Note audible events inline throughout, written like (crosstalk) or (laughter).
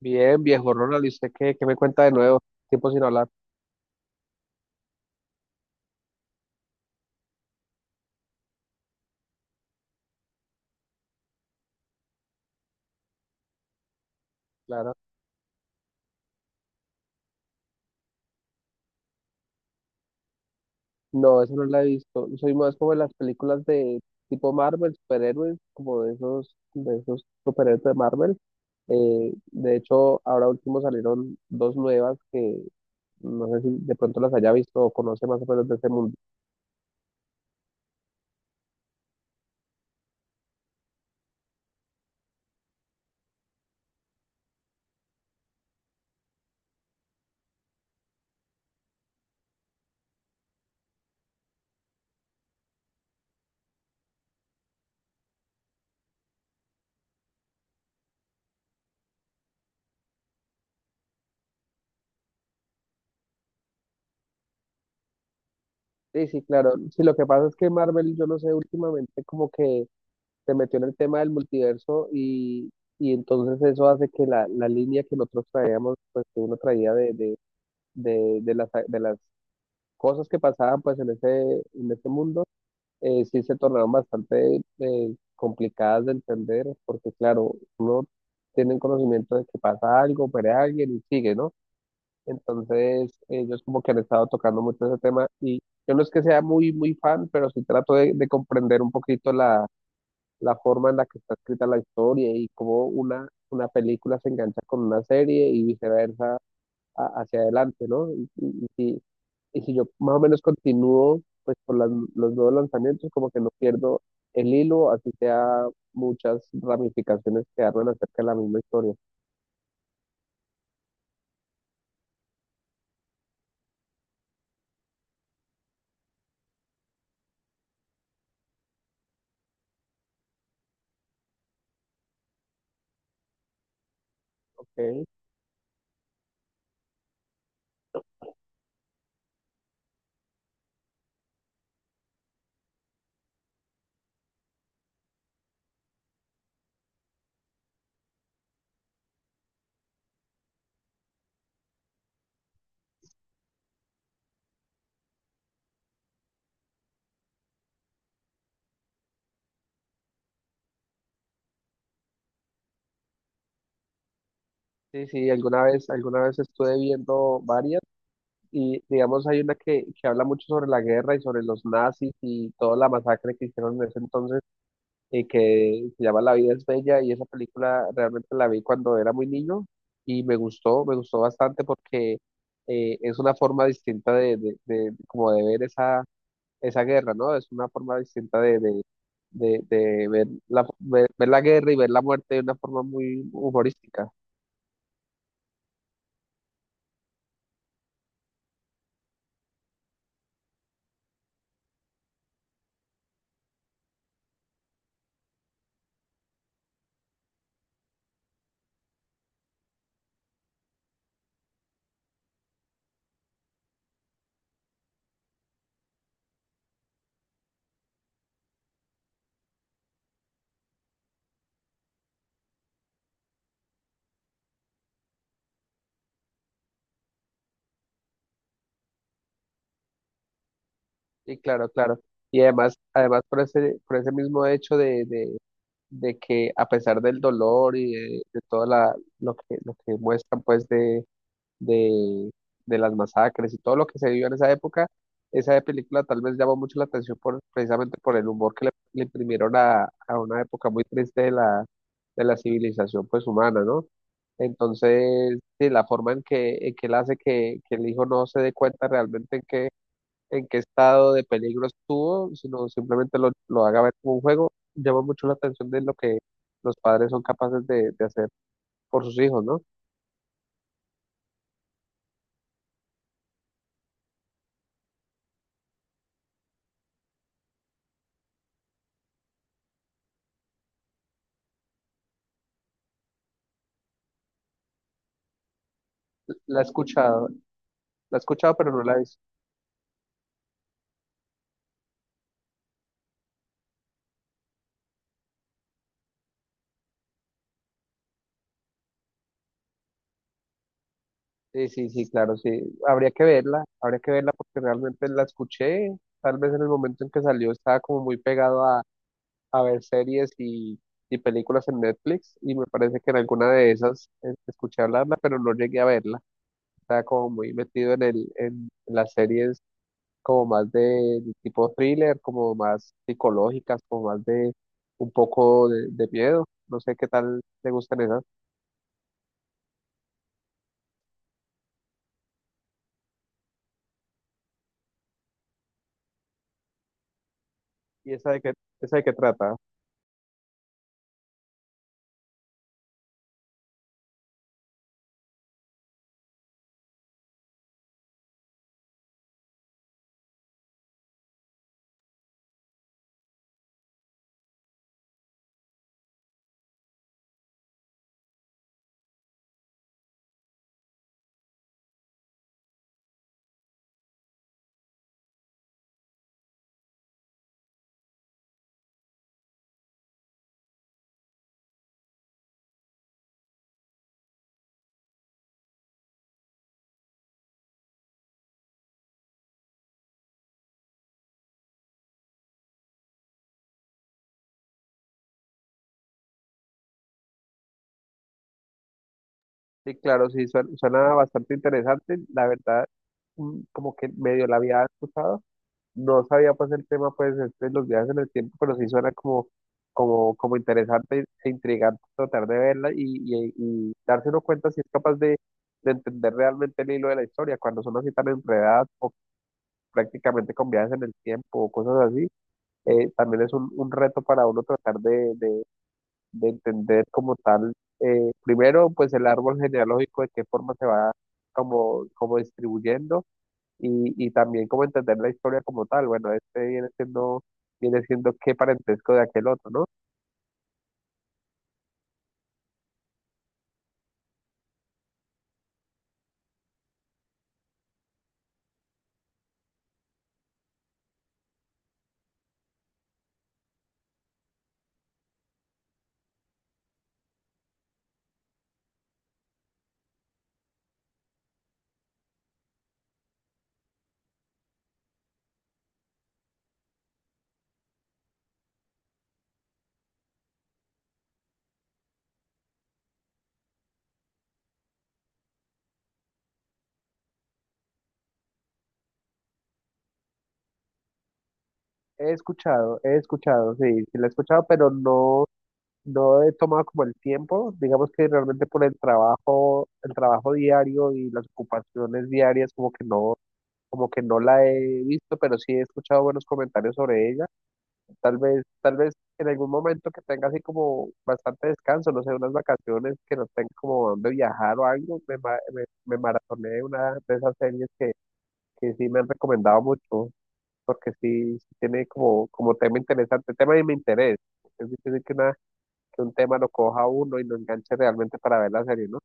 Bien, viejo Ronald, ¿y usted qué me cuenta de nuevo? Tiempo sin hablar, claro. No, eso no la he visto. Soy más como de las películas de tipo Marvel, superhéroes, como de esos superhéroes de Marvel. De hecho, ahora último salieron dos nuevas que no sé si de pronto las haya visto o conoce más o menos de ese mundo. Sí, sí, claro. Sí, lo que pasa es que Marvel, yo no sé, últimamente como que se metió en el tema del multiverso y entonces eso hace que la línea que nosotros traíamos, pues que uno traía de las, de las cosas que pasaban pues en ese mundo, sí se tornaron bastante complicadas de entender, porque claro, uno tiene el conocimiento de que pasa algo, muere alguien y sigue, ¿no? Entonces, ellos como que han estado tocando mucho ese tema y yo no es que sea muy, muy fan, pero sí trato de comprender un poquito la forma en la que está escrita la historia y cómo una película se engancha con una serie y viceversa hacia adelante, ¿no? Y si yo más o menos continúo, pues los nuevos lanzamientos, como que no pierdo el hilo, así sea muchas ramificaciones que hablan acerca de la misma historia. Ok. Sí, sí, alguna vez estuve viendo varias y digamos hay una que habla mucho sobre la guerra y sobre los nazis y toda la masacre que hicieron en ese entonces que se llama La vida es bella, y esa película realmente la vi cuando era muy niño y me gustó bastante porque es una forma distinta como de ver esa, esa guerra, ¿no? Es una forma distinta de ver la, ver, ver la guerra y ver la muerte de una forma muy humorística. Y claro, claro. Y además, además por ese mismo hecho de que a pesar del dolor y de todo la, lo que muestran pues de, de las masacres y todo lo que se vivió en esa época, esa película tal vez llamó mucho la atención por, precisamente por el humor que le imprimieron a una época muy triste de la civilización pues humana, ¿no? Entonces, sí, la forma en que él hace que el hijo no se dé cuenta realmente en qué estado de peligro estuvo, sino simplemente lo haga ver como un juego, llama mucho la atención de lo que los padres son capaces de hacer por sus hijos, ¿no? La he escuchado, la he escuchado, pero no la he visto. Sí, sí, sí, claro, sí. Habría que verla porque realmente la escuché. Tal vez en el momento en que salió estaba como muy pegado a ver series y películas en Netflix y me parece que en alguna de esas escuché hablarla, pero no llegué a verla. Estaba como muy metido en el, en las series como más de tipo thriller, como más psicológicas, como más de un poco de miedo. No sé qué tal te gustan esas. ¿Y esa de qué trata? Sí, claro, sí, suena bastante interesante. La verdad, mm, como que medio la había escuchado. No sabía pues el tema pues este, de los viajes en el tiempo, pero sí suena como, como, como interesante e intrigante tratar de verla y y darse uno cuenta si es capaz de entender realmente el hilo de la historia. Cuando son así tan enredadas o prácticamente con viajes en el tiempo o cosas así, también es un reto para uno tratar de entender como tal, primero, pues el árbol genealógico, de qué forma se va como, como distribuyendo y también como entender la historia como tal. Bueno, este viene siendo qué parentesco de aquel otro, ¿no? He escuchado, sí, sí la he escuchado, pero no, no he tomado como el tiempo, digamos que realmente por el trabajo diario y las ocupaciones diarias, como que no la he visto, pero sí he escuchado buenos comentarios sobre ella. Tal vez en algún momento que tenga así como bastante descanso, no sé, unas vacaciones que no tenga como dónde viajar o algo, me maratoné una de esas series que sí me han recomendado mucho, porque sí, sí tiene como, como tema interesante, tema de mi interés. Es difícil que, una, que un tema lo coja a uno y lo enganche realmente para ver la serie, ¿no?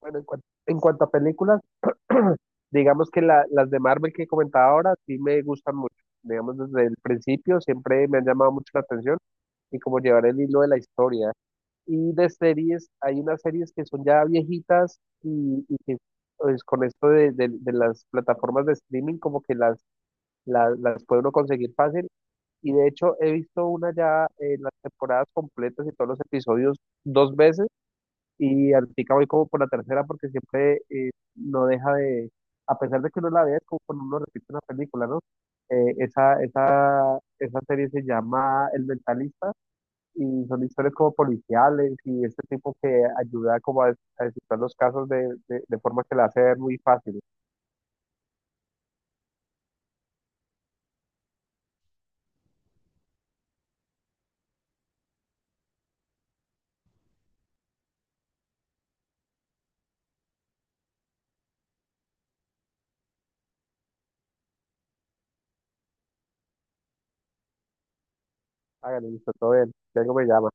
Bueno, en cuanto a películas, (clears throat) digamos que las de Marvel que comentaba ahora sí me gustan mucho. Digamos, desde el principio siempre me han llamado mucho la atención. Y como llevar el hilo de la historia. Y de series, hay unas series que son ya viejitas y que pues, con esto de las plataformas de streaming como que las puede uno conseguir fácil. Y de hecho he visto una ya en las temporadas completas y todos los episodios dos veces y ahorita voy como por la tercera porque siempre no deja de, a pesar de que uno la vea, es como cuando uno repite una película, ¿no? Esa serie se llama El Mentalista y son historias como policiales y este tipo que ayuda como a, a descifrar los casos de forma que la hace ver muy fácil. Háganle, listo, todo bien. Ya algo me llama.